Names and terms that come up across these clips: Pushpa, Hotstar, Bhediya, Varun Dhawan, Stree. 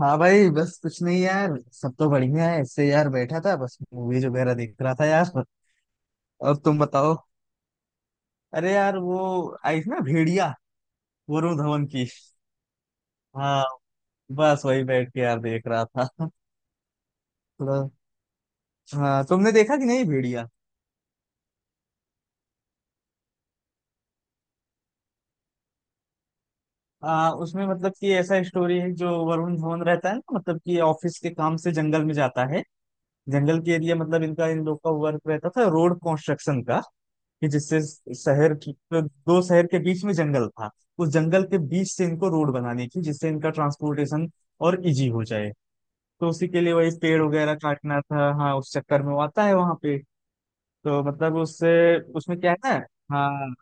हाँ भाई, बस कुछ नहीं यार। सब तो बढ़िया है। इससे यार बैठा था, बस मूवीज वगैरह देख रहा था यार। और तुम बताओ। अरे यार वो आई थी ना भेड़िया, वरुण धवन की। हाँ, बस वही बैठ के यार देख रहा था थोड़ा। हाँ, तुमने देखा कि नहीं भेड़िया। उसमें मतलब कि ऐसा स्टोरी है, जो वरुण धवन रहता है ना, मतलब कि ऑफिस के काम से जंगल में जाता है। जंगल के एरिया मतलब इनका इन लोग का वर्क रहता था रोड कंस्ट्रक्शन का, कि जिससे शहर की तो, दो शहर के बीच में जंगल था। उस जंगल के बीच से इनको रोड बनानी थी, जिससे इनका ट्रांसपोर्टेशन और इजी हो जाए। तो उसी के लिए वही पेड़ वगैरह काटना था। हाँ, उस चक्कर में वो आता है वहां पे। तो मतलब उससे, उसमें क्या है ना। हाँ।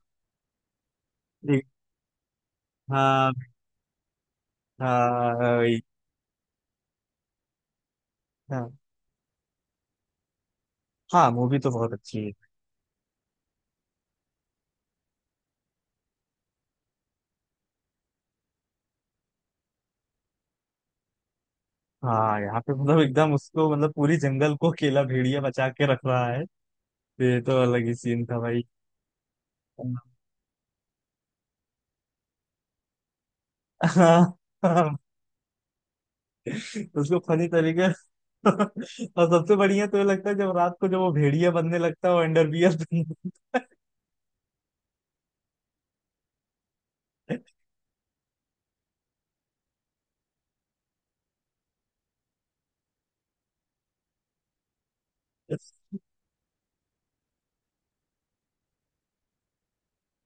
एक- हाँ, हाँ वही। हाँ, हाँ मूवी तो बहुत अच्छी है। हाँ, यहाँ पे मतलब एकदम उसको मतलब पूरी जंगल को अकेला भेड़िया बचा के रख रहा है। ये तो अलग ही सीन था भाई। हाँ। हाँ, उसको फनी तरीके। और सबसे बढ़िया तो ये लगता है जब रात को, जब वो भेड़िया बनने लगता है, वो अंडरवियर बनने लगता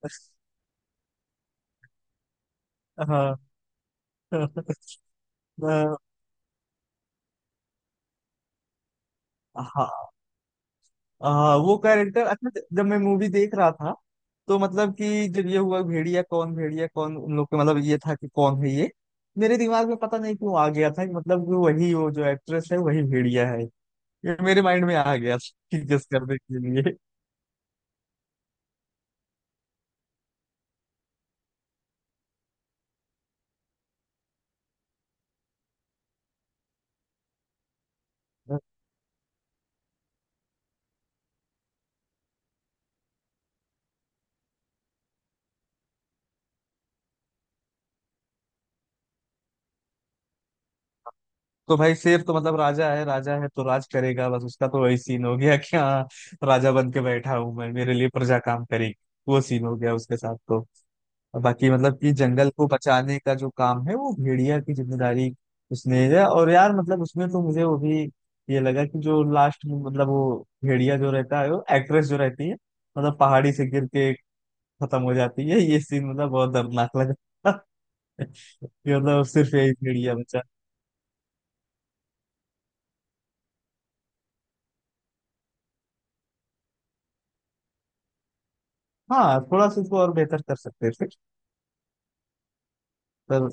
है। हाँ। अ, हाँ। हाँ, वो कैरेक्टर अच्छा जब मैं मूवी देख रहा था, तो मतलब कि जब ये हुआ भेड़िया कौन, भेड़िया कौन, उन लोग के मतलब ये था कि कौन है ये। मेरे दिमाग में पता नहीं क्यों आ गया था कि मतलब कि वही, वो जो एक्ट्रेस है वही भेड़िया है। ये मेरे माइंड में आ गया था कि गेस करने के लिए। तो भाई शेर तो मतलब राजा है, राजा है तो राज करेगा। बस उसका तो वही सीन हो गया कि हाँ, राजा बन के बैठा हूं मैं, मेरे लिए प्रजा काम करेगी। वो सीन हो गया उसके साथ तो। और बाकी मतलब कि जंगल को बचाने का जो काम है वो भेड़िया की जिम्मेदारी उसने है। और यार मतलब उसमें तो मुझे वो भी ये लगा कि जो लास्ट में मतलब वो भेड़िया जो रहता है, वो एक्ट्रेस जो रहती है, मतलब पहाड़ी से गिर के खत्म हो जाती है, ये सीन मतलब बहुत दर्दनाक लगा। कि मतलब सिर्फ यही भेड़िया बचा। हाँ, थोड़ा सा इसको और बेहतर कर सकते थे, पर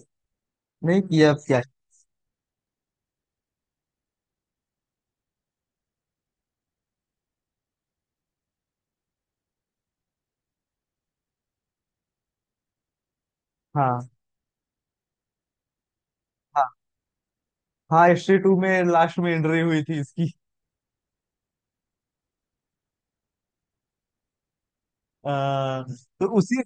नहीं किया, अब क्या। हाँ। हाँ। हाँ, हिस्ट्री टू में लास्ट में एंट्री हुई थी इसकी। आ, तो उसी।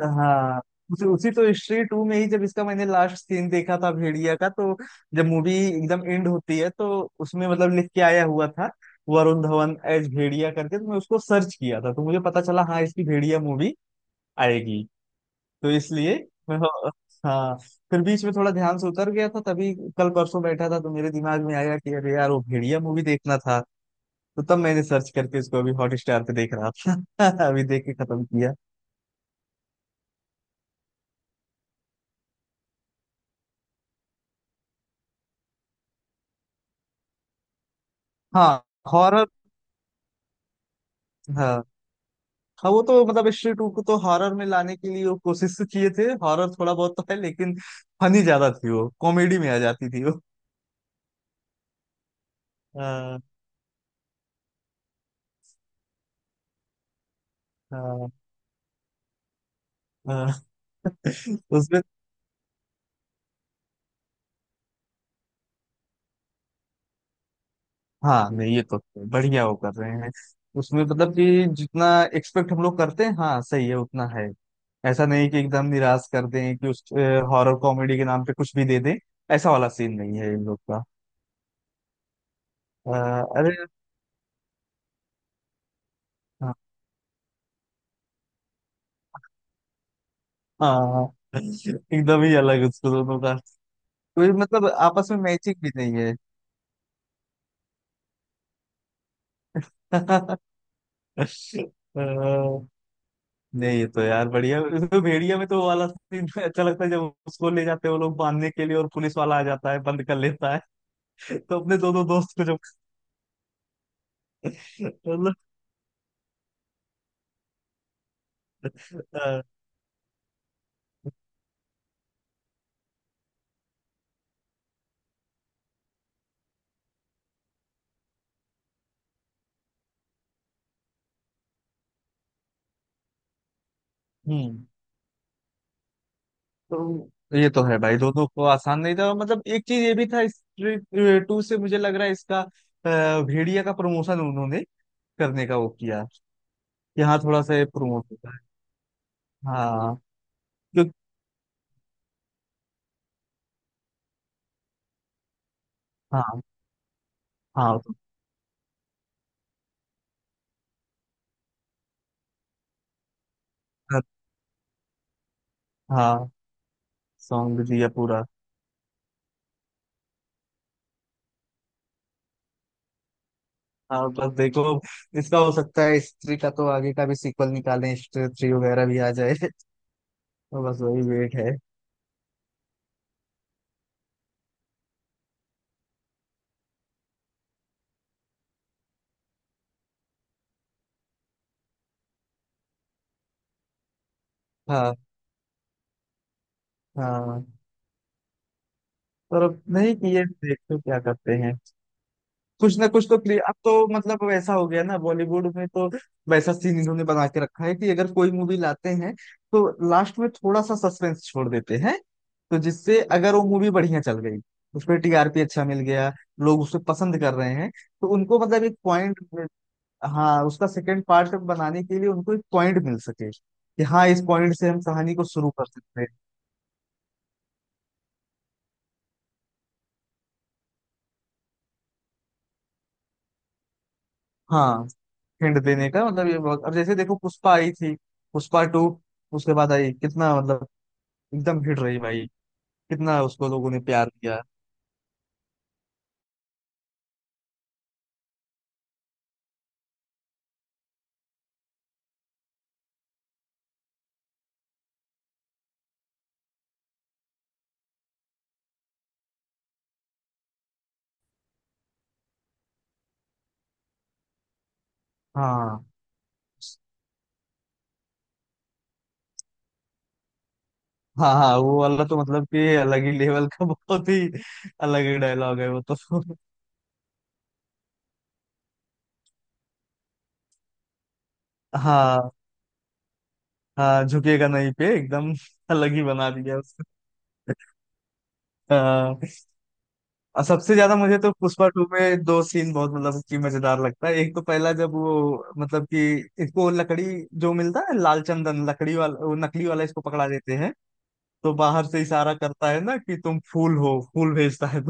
हाँ, उसी उसी तो हिस्ट्री टू में ही जब इसका मैंने लास्ट सीन देखा था भेड़िया का, तो जब मूवी एकदम एंड होती है तो उसमें मतलब लिख के आया हुआ था वरुण धवन एज भेड़िया करके। तो मैं उसको सर्च किया था, तो मुझे पता चला हाँ इसकी भेड़िया मूवी आएगी। तो इसलिए मैं, हाँ, फिर बीच में थोड़ा ध्यान से उतर गया था। तभी कल परसों बैठा था तो मेरे दिमाग में आया कि अरे यार वो भेड़िया मूवी देखना था। तो तब मैंने सर्च करके इसको अभी हॉटस्टार पे देख रहा था। अभी देख के खत्म किया। हाँ, हॉरर। हाँ। हाँ, वो तो मतलब स्त्री टू को तो हॉरर में लाने के लिए वो कोशिश तो किए थे, हॉरर थोड़ा बहुत तो है, लेकिन फनी ज्यादा थी, वो कॉमेडी में आ जाती थी वो। हाँ। हाँ। हाँ। उसमें, हाँ नहीं ये तो बढ़िया वो कर रहे हैं। उसमें मतलब कि जितना एक्सपेक्ट हम लोग करते हैं, हाँ सही है उतना है। ऐसा नहीं कि एकदम निराश कर दें कि उस हॉरर कॉमेडी के नाम पे कुछ भी दे दें। ऐसा वाला सीन नहीं है इन लोग का। हाँ, अरे। हाँ। हाँ। हाँ। एकदम ही अलग उसको दोनों का, कोई मतलब आपस में मैचिंग भी नहीं है। अ, नहीं ये तो यार बढ़िया, उसमें भेड़िया में तो वो वाला सीन अच्छा लगता है जब उसको ले जाते हैं वो लोग बांधने के लिए, और पुलिस वाला आ जाता है, बंद कर लेता है। तो अपने दोनों दोस्त को जब, मतलब। अ, हम्म। तो ये तो है भाई, दोनों को आसान नहीं था। मतलब एक चीज ये भी था, स्ट्रीट टू से मुझे लग रहा है इसका भेड़िया का प्रमोशन उन्होंने करने का वो किया। यहाँ थोड़ा सा ये प्रमोट होता है। हाँ, क्यों। हाँ, हाँ तो। हाँ, सॉन्ग दिया पूरा। हाँ, बस देखो इसका हो सकता है स्त्री का तो आगे का भी सीक्वल निकालें, स्त्री थ्री वगैरह भी आ जाए। तो बस वही वेट है। हाँ। हाँ, पर अब नहीं कि ये देखते क्या करते हैं। कुछ ना कुछ तो प्ले। अब तो मतलब वैसा हो गया ना बॉलीवुड में, तो वैसा सीन इन्होंने बना के रखा है कि अगर कोई मूवी लाते हैं, तो लास्ट में थोड़ा सा सस्पेंस छोड़ देते हैं। तो जिससे अगर वो मूवी बढ़िया चल गई, उस पर टीआरपी अच्छा मिल गया, लोग उसे पसंद कर रहे हैं, तो उनको मतलब एक पॉइंट। हाँ, उसका सेकंड पार्ट बनाने के लिए उनको एक पॉइंट मिल सके कि हाँ, इस पॉइंट से हम कहानी को शुरू कर सकते हैं। हाँ, हिंट देने का मतलब, ये बहुत, अब जैसे देखो पुष्पा आई थी, पुष्पा टू। उसके बाद आई कितना मतलब एकदम हिट रही भाई। कितना उसको लोगों ने प्यार दिया। हाँ। हाँ, हाँ वो वाला तो मतलब कि अलग ही लेवल का बहुत ही अलग ही डायलॉग है वो तो। हाँ, हाँ झुकेगा नहीं पे एकदम अलग ही बना दिया उसको। हाँ, और सबसे ज्यादा मुझे तो पुष्पा टू में दो सीन बहुत मतलब कि मजेदार लगता है। एक तो पहला जब वो मतलब कि इसको लकड़ी जो मिलता है लाल चंदन लकड़ी वाला वो नकली वाला इसको पकड़ा देते हैं। तो बाहर से इशारा करता है ना कि तुम फूल हो, फूल भेजता है।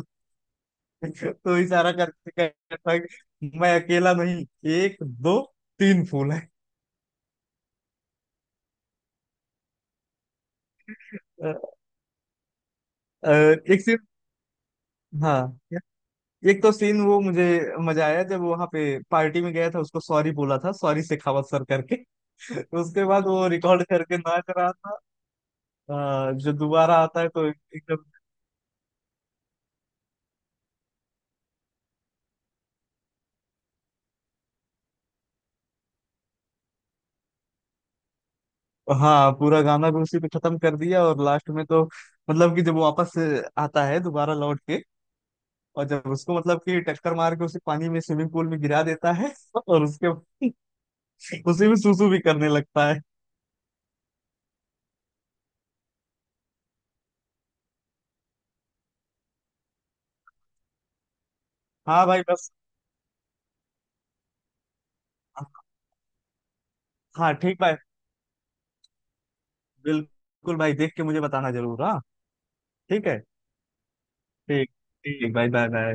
तो इशारा करके कहता था कि मैं अकेला नहीं, एक दो तीन फूल है। एक सीन। हाँ, एक तो सीन वो मुझे मजा आया जब वहां पे पार्टी में गया था, उसको सॉरी बोला था, सॉरी शेखावत सर करके। उसके बाद वो रिकॉर्ड करके नाच रहा था। जो दोबारा आता है तो एकदम। हाँ, पूरा गाना भी उसी पे खत्म कर दिया। और लास्ट में तो मतलब कि जब वापस आता है दोबारा लौट के, और जब उसको मतलब कि टक्कर मार के उसे पानी में, स्विमिंग पूल में गिरा देता है, और उसके उसी में सूसू भी करने लगता है। हाँ भाई बस। हाँ ठीक भाई। बिल्कुल भाई, देख के मुझे बताना जरूर। हाँ ठीक है। ठीक, ठीक भाई, बाय बाय।